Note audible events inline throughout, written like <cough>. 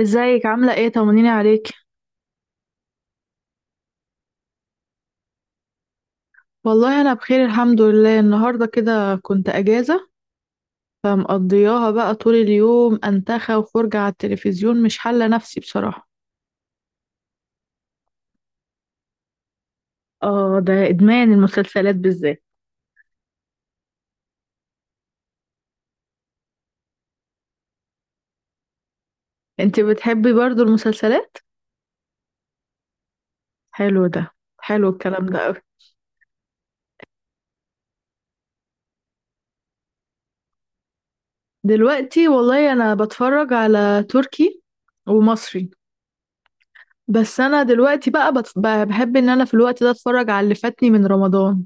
ازيك عاملة ايه؟ طمنيني عليك. والله انا بخير، الحمد لله. النهاردة كده كنت اجازة، فمقضياها بقى طول اليوم انتخى وفرجة على التلفزيون، مش حالة نفسي بصراحة. اه، ده ادمان المسلسلات بالذات. انتي بتحبي برضو المسلسلات؟ حلو ده، حلو الكلام ده قوي. دلوقتي والله انا بتفرج على تركي ومصري. بس انا دلوقتي بقى بحب ان انا في الوقت ده اتفرج على اللي فاتني من رمضان.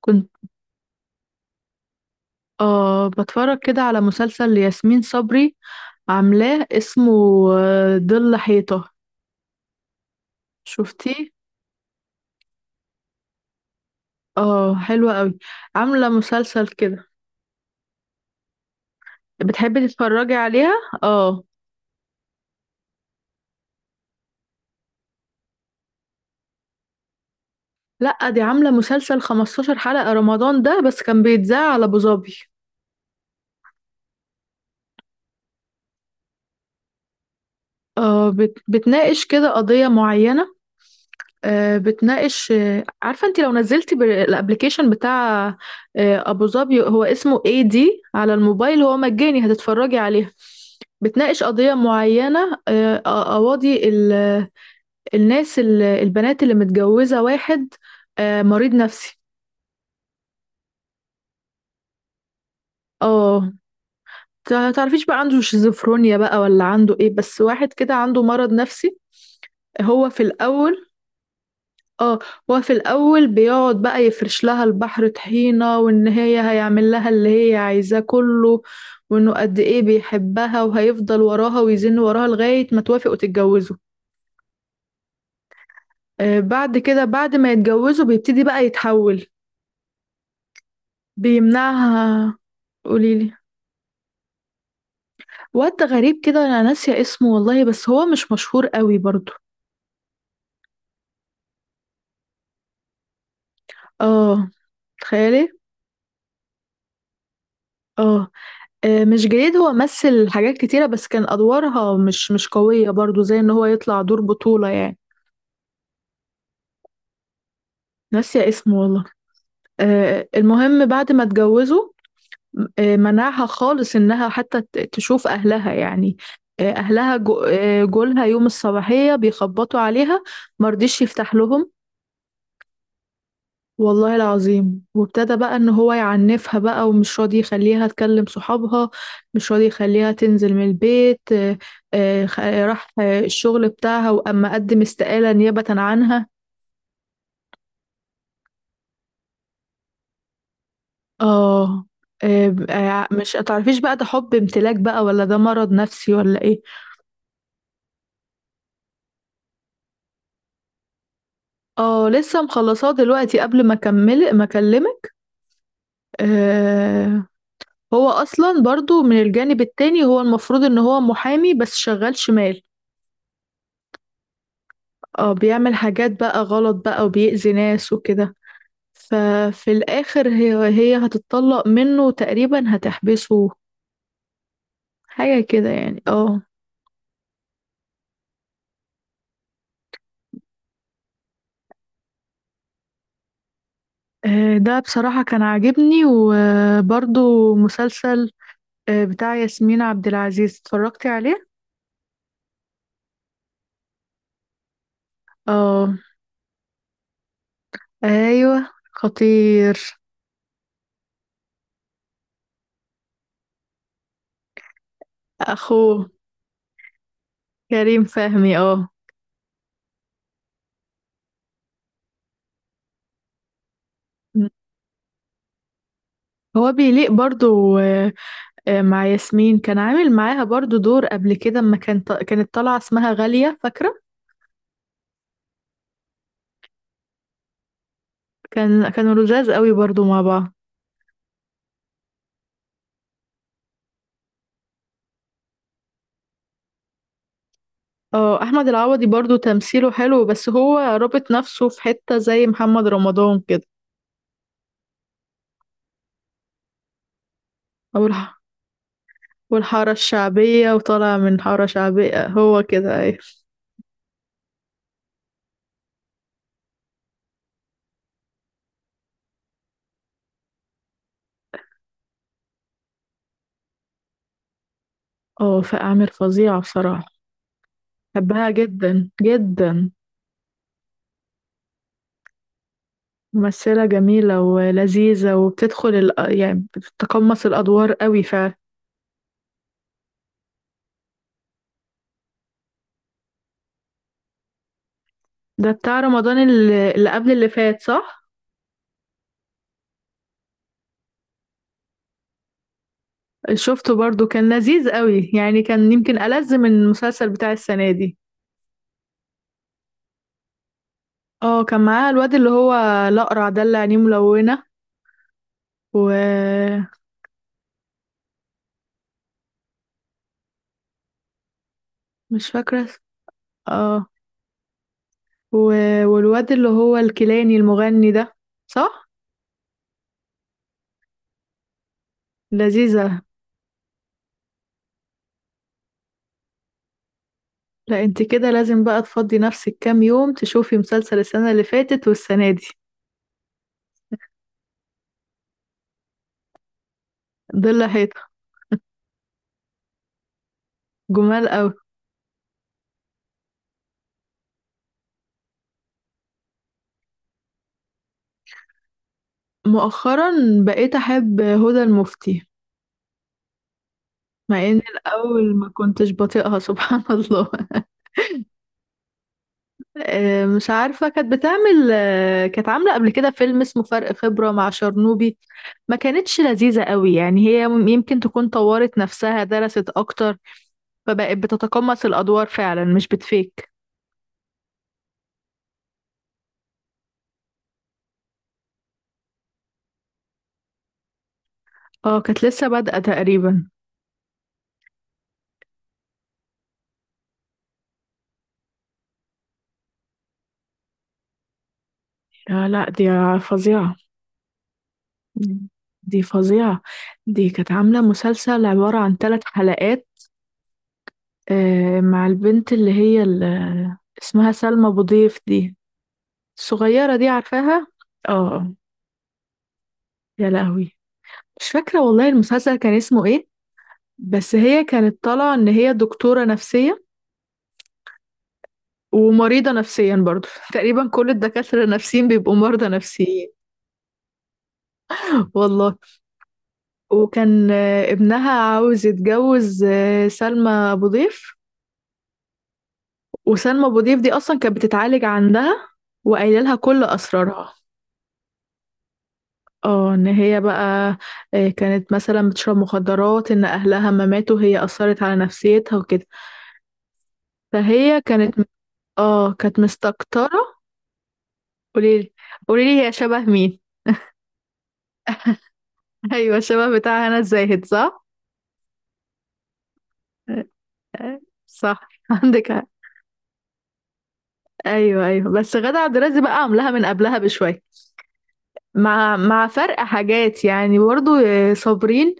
كنت بتفرج كده على مسلسل لياسمين صبري، عاملاه اسمه ظل حيطة. شفتيه؟ اه، حلوة قوي. عاملة مسلسل كده، بتحبي تتفرجي عليها؟ اه. لأ، دي عاملة مسلسل 15 حلقة رمضان ده، بس كان بيتذاع على أبو ظبي. اه، بتناقش كده قضية معينة. بتناقش. عارفة انت لو نزلتي بالابليكيشن بتاع أبو ظبي، هو اسمه اي دي، على الموبايل هو مجاني، هتتفرجي عليه. بتناقش قضية معينة، قواضي الناس، البنات اللي متجوزة واحد مريض نفسي. اه، تعرفيش بقى عنده شيزوفرونيا بقى ولا عنده ايه، بس واحد كده عنده مرض نفسي. هو في الأول اه هو في الأول بيقعد بقى يفرش لها البحر طحينة، وإن هي هيعمل لها اللي هي عايزاه كله، وإنه قد ايه بيحبها وهيفضل وراها ويزن وراها لغاية ما توافق وتتجوزه. بعد كده، بعد ما يتجوزوا بيبتدي بقى يتحول، بيمنعها. قوليلي. واد غريب كده، انا ناسية اسمه والله، بس هو مش مشهور قوي برضو. اه، تخيلي. اه، مش جديد، هو مثل حاجات كتيرة بس كان ادوارها مش قوية برضو، زي ان هو يطلع دور بطولة يعني. ناسية اسمه والله. المهم، بعد ما اتجوزوا منعها خالص، انها حتى تشوف اهلها يعني. اهلها جولها يوم الصباحية بيخبطوا عليها، مرضيش يفتح لهم والله العظيم. وابتدى بقى ان هو يعنفها بقى، ومش راضي يخليها تكلم صحابها، مش راضي يخليها تنزل من البيت. راح الشغل بتاعها، واما قدم استقالة نيابة عنها. اه. مش هتعرفيش بقى ده حب امتلاك بقى ولا ده مرض نفسي ولا ايه. اه، لسه مخلصاه دلوقتي، قبل ما اكمل ما اكلمك. آه، هو اصلا برضو من الجانب التاني، هو المفروض ان هو محامي بس شغال شمال. اه، بيعمل حاجات بقى غلط بقى، وبيأذي ناس وكده. ففي الآخر هي هتتطلق منه، وتقريبا هتحبسه. حاجة كده يعني، اه. ده بصراحة كان عاجبني، وبرضو مسلسل بتاع ياسمين عبد العزيز، اتفرجتي عليه؟ اه، ايوه، خطير. اخوه، كريم فهمي، اه. هو بيليق برضو، مع ياسمين كان عامل معاها برضو دور قبل كده، اما كانت طالعة اسمها غالية، فاكرة؟ كانوا لزاز قوي برضو مع بعض. اه، احمد العوضي برضو تمثيله حلو، بس هو رابط نفسه في حتة زي محمد رمضان كده. او الح... والحارة الشعبية، وطالع من حارة شعبية، هو كده ايه. اه، في اعمال فظيعة بصراحة. بحبها جدا جدا. ممثلة جميلة ولذيذة، وبتدخل يعني بتتقمص الادوار قوي فعلا. ده بتاع رمضان اللي قبل اللي فات، صح؟ شفته برضو، كان لذيذ قوي، يعني كان يمكن ألذ من المسلسل بتاع السنة دي. اه، كان معاه الواد اللي هو الأقرع ده، اللي عينيه ملونة. ومش فاكرة اه و... والواد اللي هو الكيلاني المغني ده، صح؟ لذيذة. لا، انت كده لازم بقى تفضي نفسك كام يوم تشوفي مسلسل السنة اللي فاتت والسنة دي. ضل حيطة، جمال قوي. مؤخرا، بقيت أحب هدى المفتي، مع ان الأول ما كنتش بطيقها <laughs> سبحان الله. مش عارفة كانت بتعمل، كانت عاملة قبل كده فيلم اسمه فرق خبرة مع شرنوبي. ما كانتش لذيذة قوي يعني، هي يمكن تكون طورت نفسها، درست أكتر، فبقت بتتقمص الأدوار فعلا مش بتفيك. اه، كانت لسه بادئة تقريبا. لا لا، دي فظيعة. دي فظيعة. دي كانت عاملة مسلسل عبارة عن ثلاث حلقات، مع البنت اللي هي اللي اسمها سلمى أبو ضيف دي، الصغيرة دي، عارفاها. اه. يا لهوي، مش فاكرة والله المسلسل كان اسمه ايه. بس هي كانت طالعة ان هي دكتورة نفسية، ومريضة نفسيا برضو <laughs> تقريبا كل الدكاترة النفسيين بيبقوا مرضى نفسيين. <laughs> والله. وكان ابنها عاوز يتجوز سلمى أبو ضيف، وسلمى أبو ضيف دي أصلا كانت بتتعالج عندها، وقايله لها كل أسرارها. اه، ان هي بقى كانت مثلا بتشرب مخدرات، ان اهلها ما ماتوا هي اثرت على نفسيتها وكده. فهي كانت، اه، كانت مستكترة. قوليلي، قوليلي، هي شبه مين؟ <laughs> ايوه، شبه بتاع هنا الزاهد، صح. آه، صح، عندك حق. ايوه ايوه، بس غادة عبد الرازق بقى عاملاها من قبلها بشويه، مع مع فرق حاجات يعني، برضو صابرين.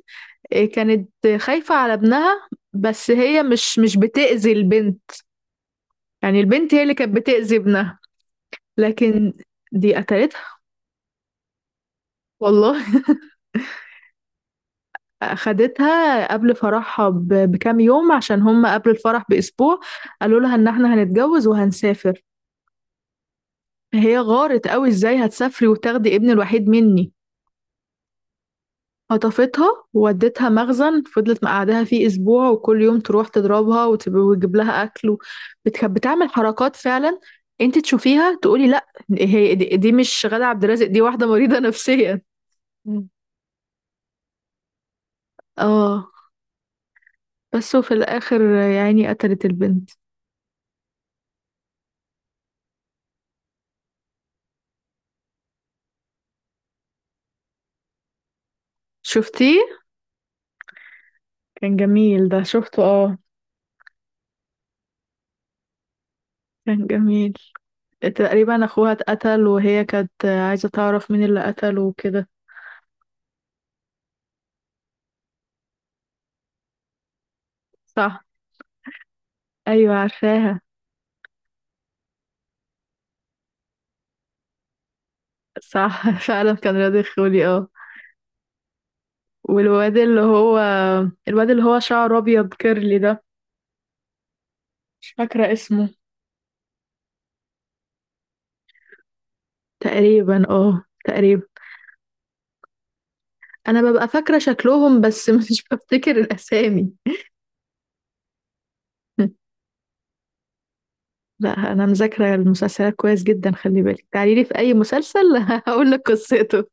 كانت خايفة على ابنها، بس هي مش بتأذي البنت. يعني البنت هي اللي كانت بتأذي ابنها، لكن دي قتلتها والله. <laughs> أخدتها قبل فرحها بكام يوم، عشان هم قبل الفرح بأسبوع قالوا لها إن احنا هنتجوز وهنسافر، هي غارت قوي، ازاي هتسافري وتاخدي ابني الوحيد مني. خطفتها وودتها مخزن، فضلت مقعدها فيه اسبوع، وكل يوم تروح تضربها وتجيب لها اكل بتعمل حركات فعلا، انت تشوفيها تقولي لا، هي دي، دي مش غادة عبد الرازق، دي واحدة مريضة نفسيا. مم. اه، بس وفي الاخر يعني قتلت البنت. شفتيه؟ كان جميل ده، شفته اه. كان جميل، تقريبا اخوها اتقتل وهي كانت عايزة تعرف مين اللي قتله وكده. صح، ايوه، عارفاها. صح. <laughs> فعلا كان رياض الخولي اه. والواد اللي هو، الواد اللي هو شعره ابيض كيرلي ده، مش فاكره اسمه. تقريبا. انا ببقى فاكره شكلهم بس <laughs> مش بفتكر الاسامي. <laughs> لا، انا مذاكره المسلسلات كويس جدا، خلي بالك، تعالي لي في اي مسلسل <laughs> هقول لك قصته.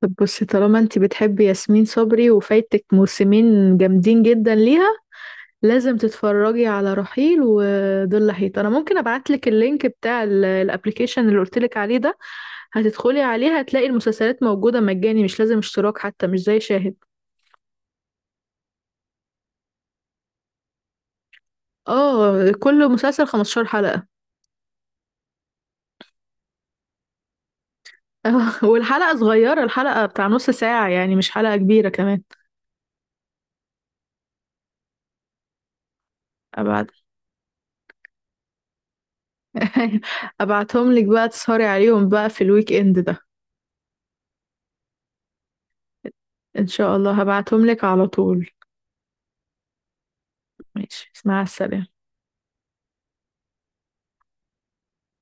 طب بصي، طالما انت بتحبي ياسمين صبري وفايتك موسمين جامدين جدا ليها، لازم تتفرجي على رحيل وظل لحيط. انا ممكن ابعتلك اللينك بتاع الابليكيشن اللي قلتلك عليه ده، هتدخلي عليه هتلاقي المسلسلات موجودة مجاني، مش لازم اشتراك حتى، مش زي شاهد. اه، كل مسلسل 15 حلقة. <laughs> والحلقة صغيرة، الحلقة بتاع نص ساعة يعني، مش حلقة كبيرة كمان. أبعت <laughs> أبعتهم لك بقى تسهري عليهم بقى في الويك إند ده. إن شاء الله هبعتهم لك على طول. ماشي، مع السلامة.